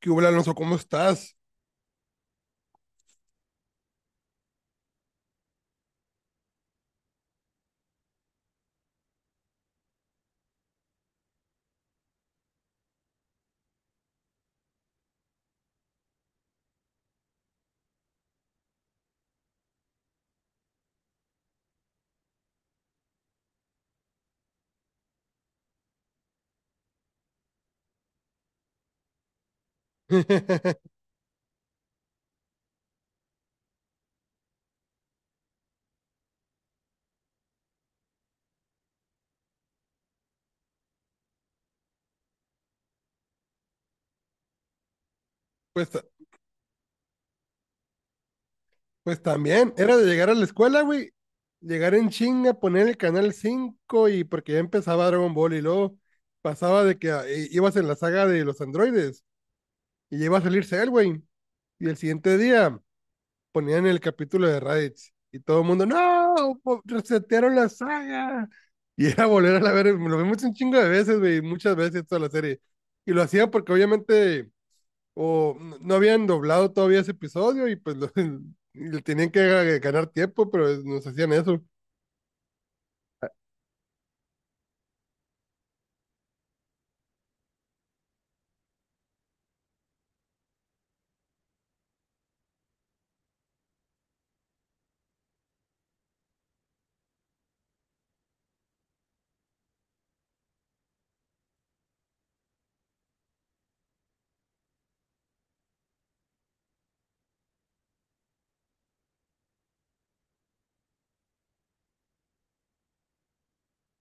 ¿Qué hubo, Alonso? ¿Cómo estás? Pues, ta- pues también, era de llegar a la escuela, güey. Llegar en chinga, poner el canal 5 y porque ya empezaba Dragon Ball y luego pasaba de que ah, ibas en la saga de los androides y ya iba a salir Cell, güey. Y el siguiente día ponían el capítulo de Raditz y todo el mundo, ¡No! Resetearon la saga. Y era volver a la ver, lo vimos un chingo de veces, güey, muchas veces toda la serie. Y lo hacía porque obviamente no habían doblado todavía ese episodio y pues le tenían que ganar tiempo, pero nos hacían eso.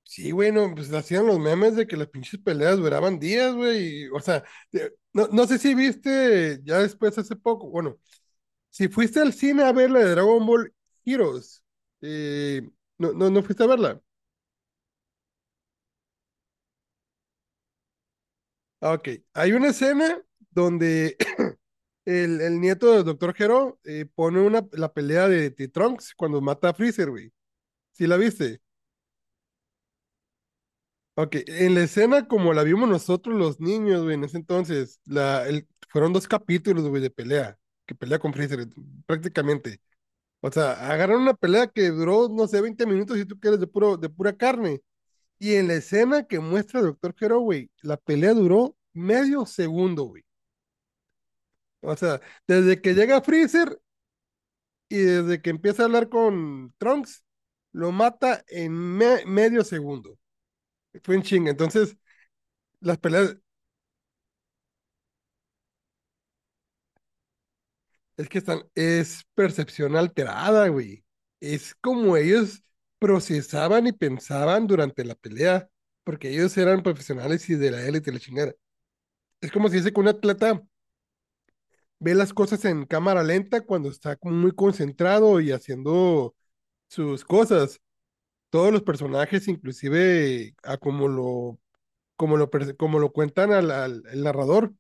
Sí, güey, no, pues hacían los memes de que las pinches peleas duraban días, güey, y, o sea, no, no sé si viste ya después hace poco, bueno, si fuiste al cine a ver la de Dragon Ball Heroes, eh, no, no, no fuiste a verla. Ah, ok, hay una escena donde el nieto del Doctor Gero pone la pelea de T-Trunks cuando mata a Freezer, güey. ¿Sí la viste? Ok, en la escena como la vimos nosotros los niños, güey, en ese entonces, fueron dos capítulos, güey, de pelea, que pelea con Freezer, prácticamente. O sea, agarraron una pelea que duró, no sé, 20 minutos, si tú quieres, de pura carne. Y en la escena que muestra el Doctor Hero, güey, la pelea duró medio segundo, güey. O sea, desde que llega Freezer y desde que empieza a hablar con Trunks, lo mata en medio segundo. Fue en chinga. Entonces, las peleas. Es que es percepción alterada, güey. Es como ellos procesaban y pensaban durante la pelea, porque ellos eran profesionales y de la élite la chingada. Es como si dice que un atleta ve las cosas en cámara lenta cuando está como muy concentrado y haciendo sus cosas. Todos los personajes, inclusive a como lo cuentan al, al el narrador,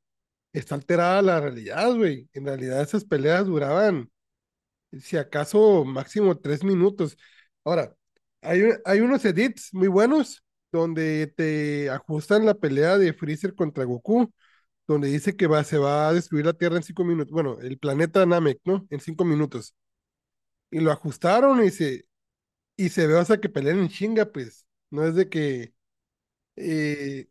está alterada la realidad, güey. En realidad esas peleas duraban si acaso máximo 3 minutos. Ahora, hay unos edits muy buenos donde te ajustan la pelea de Freezer contra Goku, donde dice que se va a destruir la Tierra en 5 minutos, bueno, el planeta Namek, ¿no? En 5 minutos. Y lo ajustaron y se ve hasta que pelean en chinga, pues. No es de que, eh,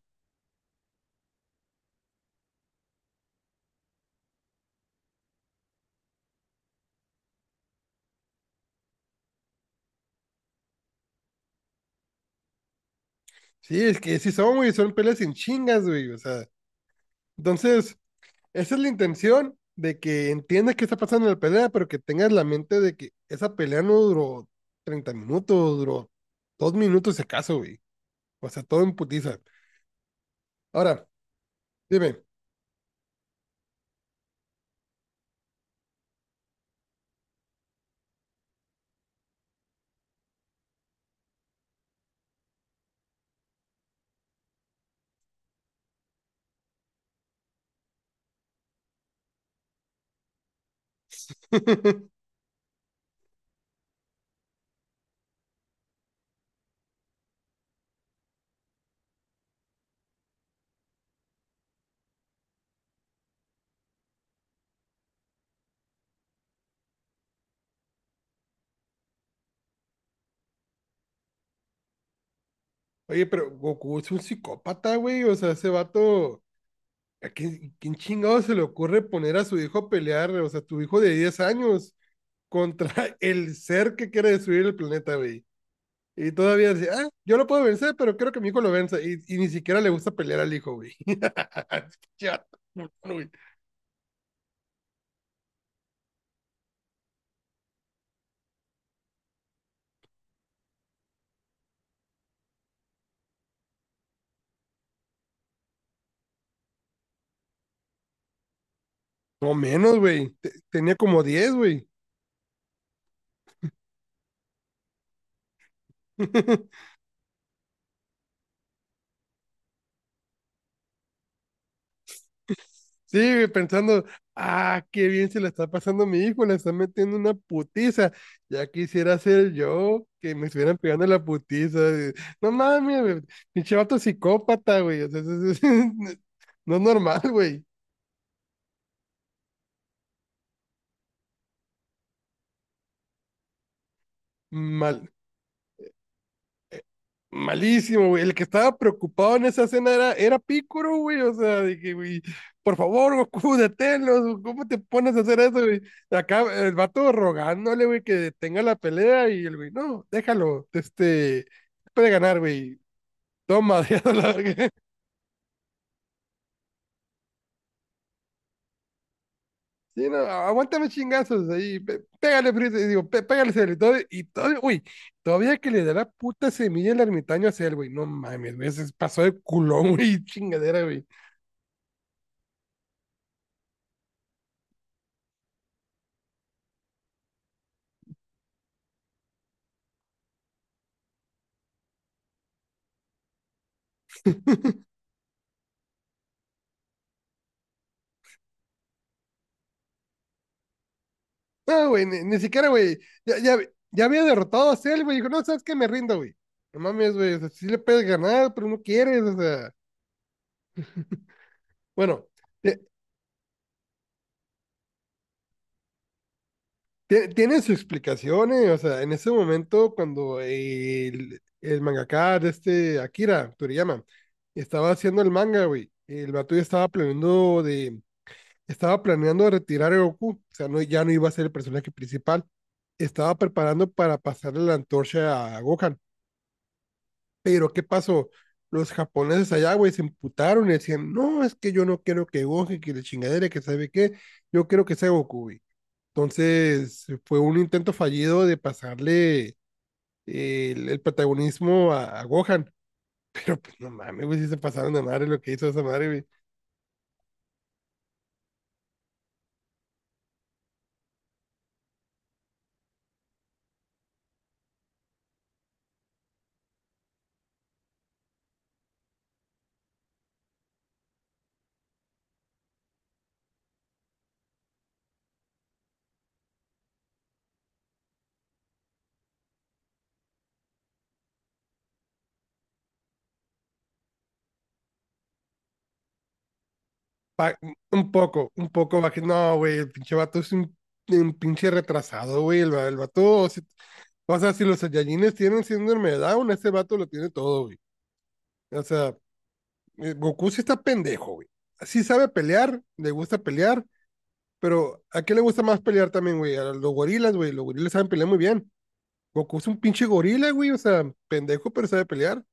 sí, es que sí son, güey, son peleas en chingas, güey. O sea, entonces, esa es la intención de que entiendas qué está pasando en la pelea, pero que tengas la mente de que esa pelea no duró 30 minutos, duró 2 minutos si acaso, güey. O sea, todo en putiza. Ahora, dime. Oye, pero Goku es un psicópata, güey. O sea, ese vato. ¿A quién chingado se le ocurre poner a su hijo a pelear? O sea, tu hijo de 10 años contra el ser que quiere destruir el planeta, güey. Y todavía dice, ah, yo lo puedo vencer, pero quiero que mi hijo lo venza. Y ni siquiera le gusta pelear al hijo, güey. Ya. No, güey. No menos, güey. Tenía como 10, güey. Sí, güey, pensando, ah, qué bien se la está pasando a mi hijo, le está metiendo una putiza. Ya quisiera ser yo que me estuvieran pegando la putiza, güey. No mames, güey. Pinche vato psicópata, güey. O sea, no es normal, güey. Mal. Malísimo, güey. El que estaba preocupado en esa escena era Picoro, güey. O sea, dije, güey, por favor, Goku, deténlos. ¿Cómo te pones a hacer eso, güey? Acá el vato rogándole, güey, que detenga la pelea y el güey, no, déjalo. Este, puede ganar, güey. Toma, ya la verga. Sí, no, aguántame chingazos ahí. Pégale, Freezer, digo, pégale, Cell, y todo, uy, todavía que le da la puta semilla el ermitaño a Cell, güey. No mames, güey, se pasó de culón, güey, chingadera, güey. No, güey, ni siquiera, güey. Ya, ya, ya había derrotado a Cell, güey. Dijo, no, sabes que me rindo, güey. No mames, güey. O sea, sí le puedes ganar, pero no quieres, o sea. Bueno, te- tiene su explicación, o sea, en ese momento, cuando el mangaka de este Akira Toriyama estaba haciendo el manga, güey, el vato ya estaba planeando de. Estaba planeando retirar a Goku. O sea, no, ya no iba a ser el personaje principal. Estaba preparando para pasarle la antorcha a Gohan. Pero ¿qué pasó? Los japoneses allá, güey, se emputaron y decían, no, es que yo no quiero que Gohan, que la chingadera, que sabe qué, yo quiero que sea Goku, güey. Entonces fue un intento fallido de pasarle el protagonismo a Gohan, pero pues no mames, güey, si se pasaron de madre lo que hizo esa madre, güey. Pa- un poco, bajé, no, güey, el pinche vato es un pinche retrasado, güey, el vato, o sea, si los Saiyajines tienen síndrome de Down, ese vato lo tiene todo, güey. O sea, Goku sí está pendejo, güey. Sí sabe pelear, le gusta pelear, pero ¿a qué le gusta más pelear también, güey? A los gorilas, güey. Los gorilas saben pelear muy bien. Goku es un pinche gorila, güey. O sea, pendejo, pero sabe pelear.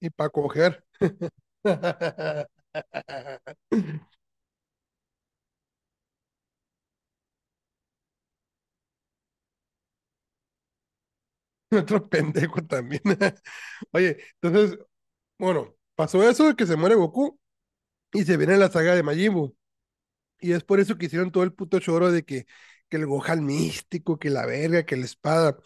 Y para coger. Otro pendejo también. Oye, entonces, bueno, pasó eso de que se muere Goku y se viene la saga de Majin Buu. Y es por eso que hicieron todo el puto choro de que el Gohan místico, que la verga, que la espada.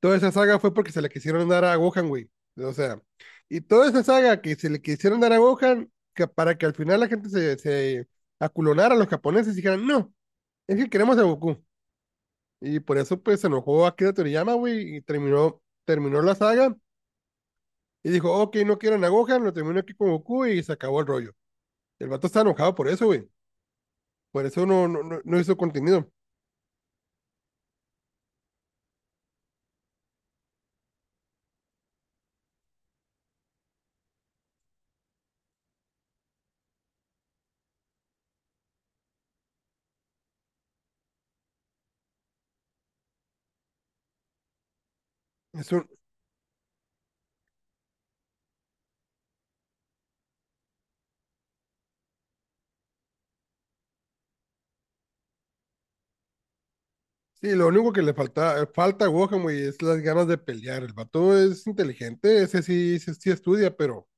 Toda esa saga fue porque se le quisieron dar a Gohan, güey. O sea, y toda esa saga que se le quisieron dar a Gohan, que para que al final la gente se aculonara a los japoneses y dijeran, no, es que queremos a Goku. Y por eso pues se enojó Akira Toriyama, güey, y terminó la saga y dijo, ok, no quieren a Gohan, lo termino aquí con Goku y se acabó el rollo. El vato está enojado por eso, güey. Por eso no hizo contenido. Es Sí, lo único que le falta a Gohan, güey, es las ganas de pelear. El vato es inteligente, ese sí, sí, sí estudia, pero.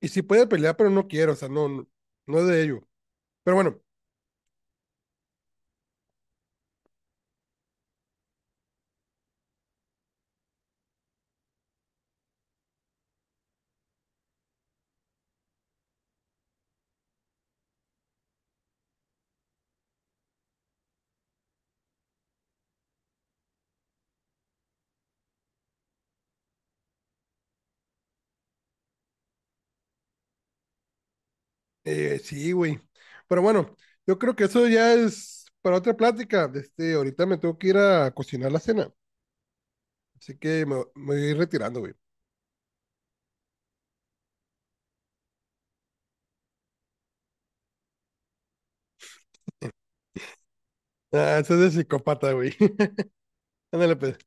Y sí puede pelear, pero no quiere, o sea, no, no, no es de ello. Pero bueno, sí, güey. Pero bueno, yo creo que eso ya es para otra plática. Este, ahorita me tengo que ir a cocinar la cena, así que me voy a ir retirando, güey. Ah, eso es de psicópata, güey. Ándale, pues.